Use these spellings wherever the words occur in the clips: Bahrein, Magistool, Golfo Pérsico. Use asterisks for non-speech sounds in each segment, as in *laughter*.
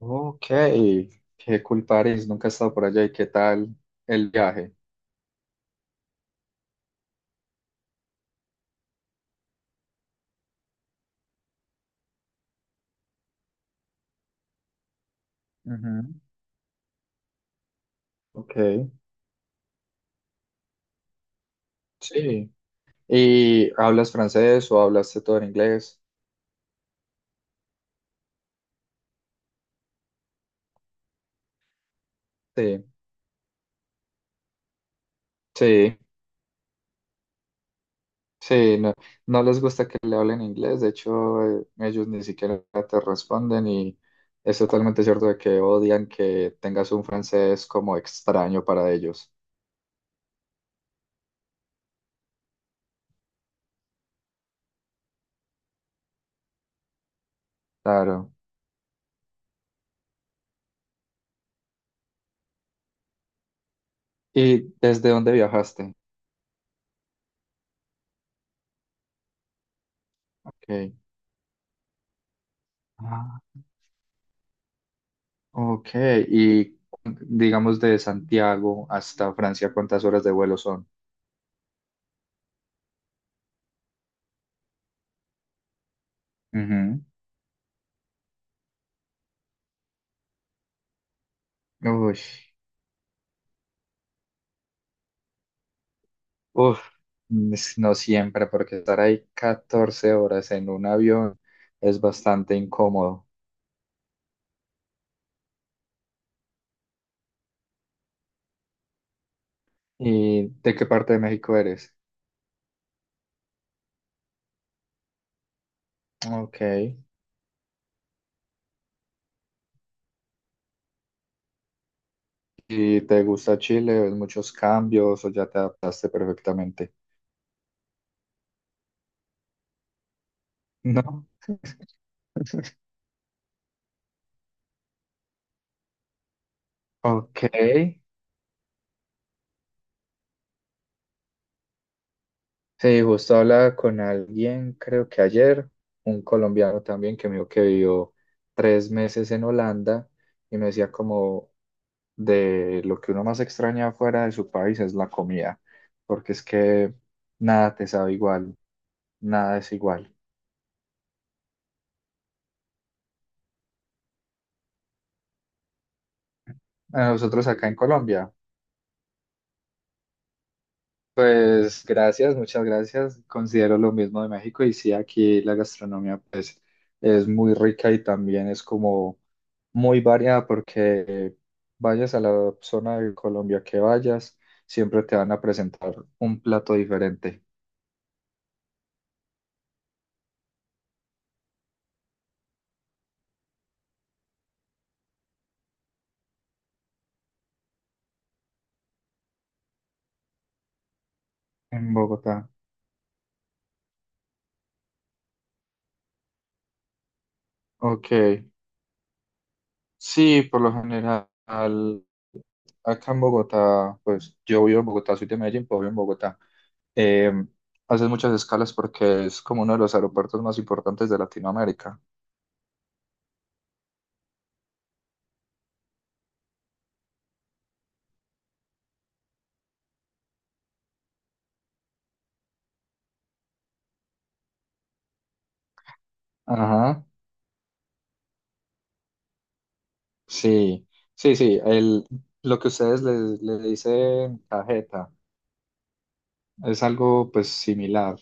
Ok, qué cool París, nunca he estado por allá y qué tal el viaje. Ujú, ok, sí. ¿Y hablas francés o hablaste todo en inglés? Sí, sí, sí, no, no les gusta que le hablen inglés, de hecho ellos ni siquiera te responden y es totalmente cierto de que odian que tengas un francés como extraño para ellos. Claro. ¿Y desde dónde viajaste? Ok. Ok, y digamos de Santiago hasta Francia, ¿cuántas horas de vuelo son? Ujú. Uy, uf, no siempre, porque estar ahí 14 horas en un avión es bastante incómodo. ¿Y de qué parte de México eres? Ok. ¿Y te gusta Chile? ¿Ves muchos cambios o ya te adaptaste perfectamente? No. *laughs* Ok. Sí, justo hablaba con alguien, creo que ayer, un colombiano también que me dijo que vivió 3 meses en Holanda y me decía como de lo que uno más extraña fuera de su país es la comida, porque es que nada te sabe igual, nada es igual. A nosotros acá en Colombia pues gracias, muchas gracias. Considero lo mismo de México y sí, aquí la gastronomía pues es muy rica y también es como muy variada porque vayas a la zona de Colombia que vayas, siempre te van a presentar un plato diferente en Bogotá. Ok, sí, por lo general acá en Bogotá, pues yo vivo en Bogotá, soy de Medellín, pero vivo en Bogotá. Eh, haces muchas escalas porque es como uno de los aeropuertos más importantes de Latinoamérica. Ajá, sí, sí, sí, lo que ustedes le dicen cajeta es algo pues similar.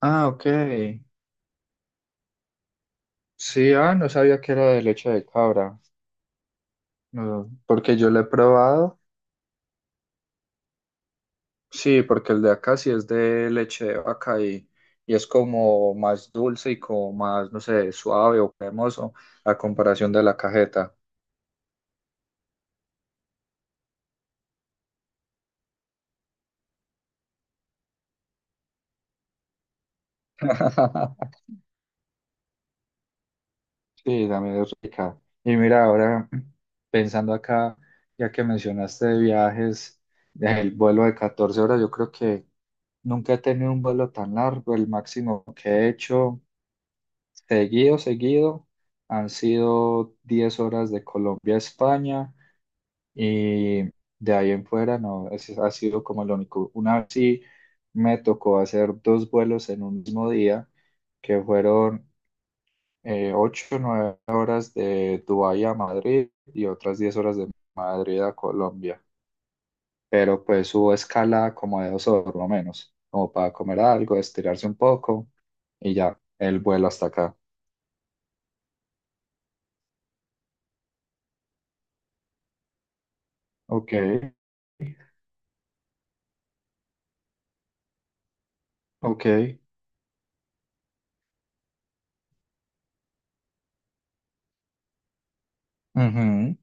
Ah, ok. Sí, ah, no sabía que era de leche de cabra, no, porque yo lo he probado. Sí, porque el de acá sí es de leche de vaca y es como más dulce y como más, no sé, suave o cremoso a comparación de la cajeta. *laughs* Sí, también es rica. Y mira, ahora pensando acá, ya que mencionaste de viajes, el vuelo de 14 horas, yo creo que nunca he tenido un vuelo tan largo. El máximo que he hecho seguido, seguido, han sido 10 horas de Colombia a España. Y de ahí en fuera, no, ese ha sido como lo único. Una vez sí me tocó hacer dos vuelos en un mismo día, que fueron 8 o 9 horas de Dubái a Madrid y otras 10 horas de Madrid a Colombia. Pero pues hubo escala como de 2 horas o menos, como para comer algo, estirarse un poco y ya, el vuelo hasta acá. Ok, ok. Ujú,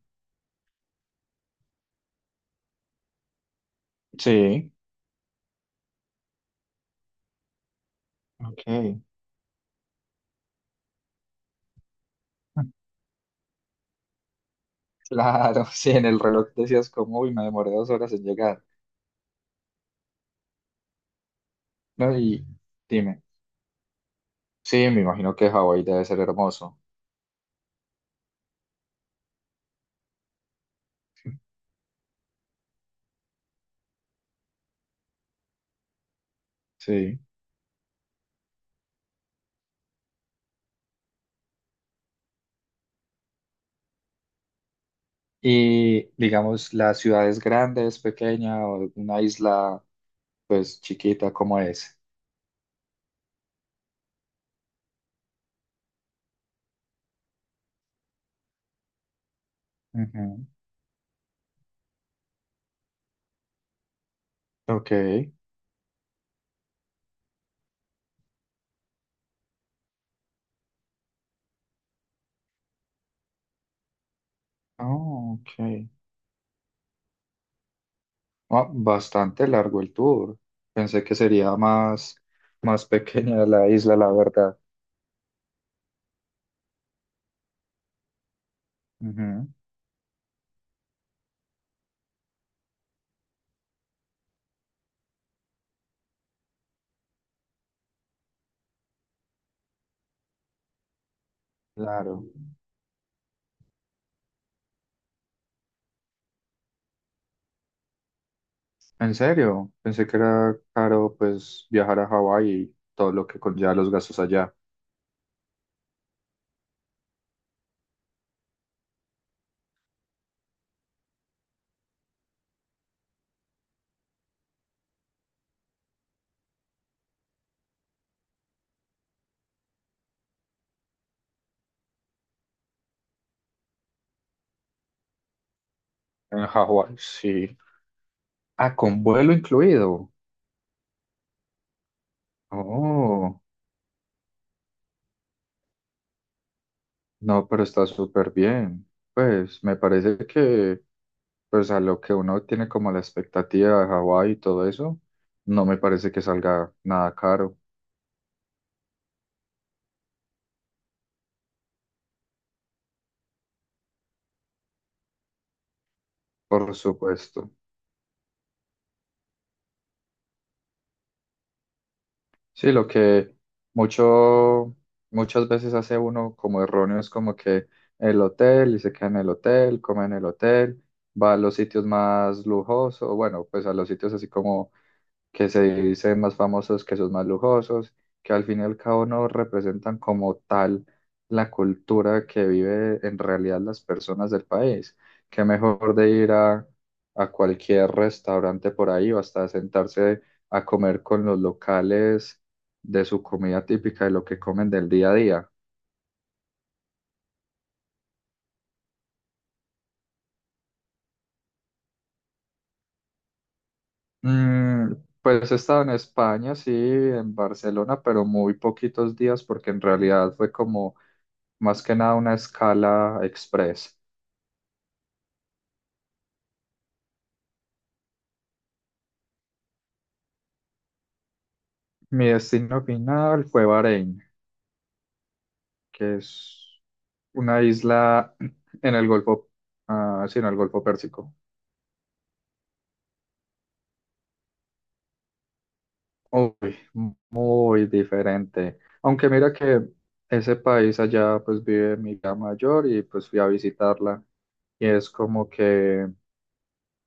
sí, ok. Claro, *laughs* sí, en el reloj decías como, uy, me demoré 2 horas en llegar. No, y dime, sí, me imagino que Hawái debe ser hermoso. Sí. Y digamos, la ciudad es grande, es pequeña o una isla, pues chiquita como es. Ujú. Ok. Oh, ok. Ah, bastante largo el tour. Pensé que sería más, más pequeña la isla, la verdad. Ujú. Claro. ¿En serio? Pensé que era caro, pues, viajar a Hawái y todo lo que conlleva los gastos allá. En Hawái, sí. Ah, con vuelo incluido. Oh, no, pero está súper bien. Pues, me parece que, pues, a lo que uno tiene como la expectativa de Hawái y todo eso, no me parece que salga nada caro, por supuesto. Sí, lo que mucho, muchas veces hace uno como erróneo es como que el hotel y se queda en el hotel, come en el hotel, va a los sitios más lujosos, bueno, pues a los sitios así como que se dice más famosos que sus más lujosos, que al fin y al cabo no representan como tal la cultura que vive en realidad las personas del país. Qué mejor de ir a cualquier restaurante por ahí o hasta sentarse a comer con los locales de su comida típica, de lo que comen del día a día. Mm, pues he estado en España, sí, en Barcelona, pero muy poquitos días porque en realidad fue como más que nada una escala express. Mi destino final fue Bahrein, que es una isla *clears throat* en el Golfo, ah, sí, en el Golfo Pérsico. Uy, muy diferente. Aunque mira que ese país allá pues vive mi hija mayor y pues fui a visitarla. Y es como que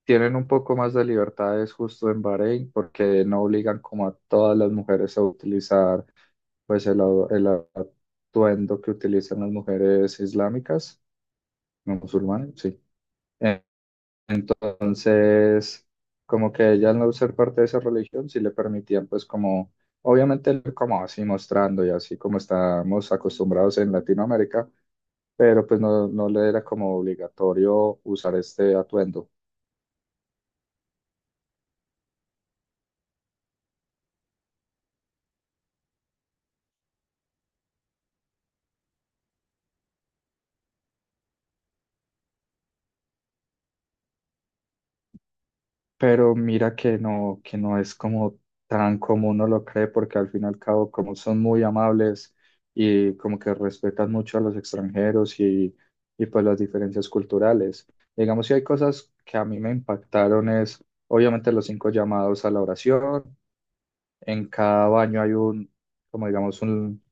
tienen un poco más de libertades justo en Bahrein porque no obligan como a todas las mujeres a utilizar pues el atuendo que utilizan las mujeres islámicas musulmanes, sí. Eh, Entonces, como que ella al no ser parte de esa religión, sí le permitían, pues como, obviamente como así mostrando y así como estamos acostumbrados en Latinoamérica, pero pues no, no le era como obligatorio usar este atuendo. Pero mira que no es como tan como uno lo cree, porque al fin y al cabo, como son muy amables y como que respetan mucho a los extranjeros y pues las diferencias culturales. Digamos, si hay cosas que a mí me impactaron es, obviamente, los cinco llamados a la oración. En cada baño hay como digamos, un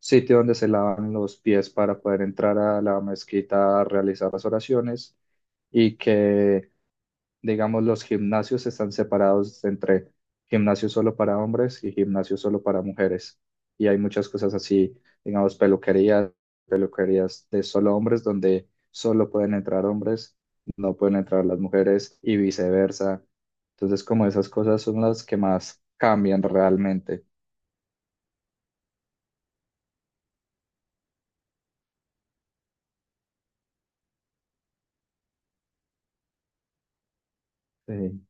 sitio donde se lavan los pies para poder entrar a la mezquita a realizar las oraciones y que digamos, los gimnasios están separados entre gimnasio solo para hombres y gimnasio solo para mujeres. Y hay muchas cosas así, digamos, peluquerías, peluquerías de solo hombres, donde solo pueden entrar hombres, no pueden entrar las mujeres y viceversa. Entonces, como esas cosas son las que más cambian realmente. Sí.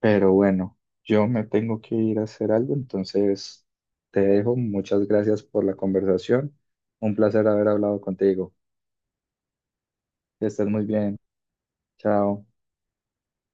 Pero bueno, yo me tengo que ir a hacer algo, entonces te dejo. Muchas gracias por la conversación. Un placer haber hablado contigo. Que estés muy bien. Chao.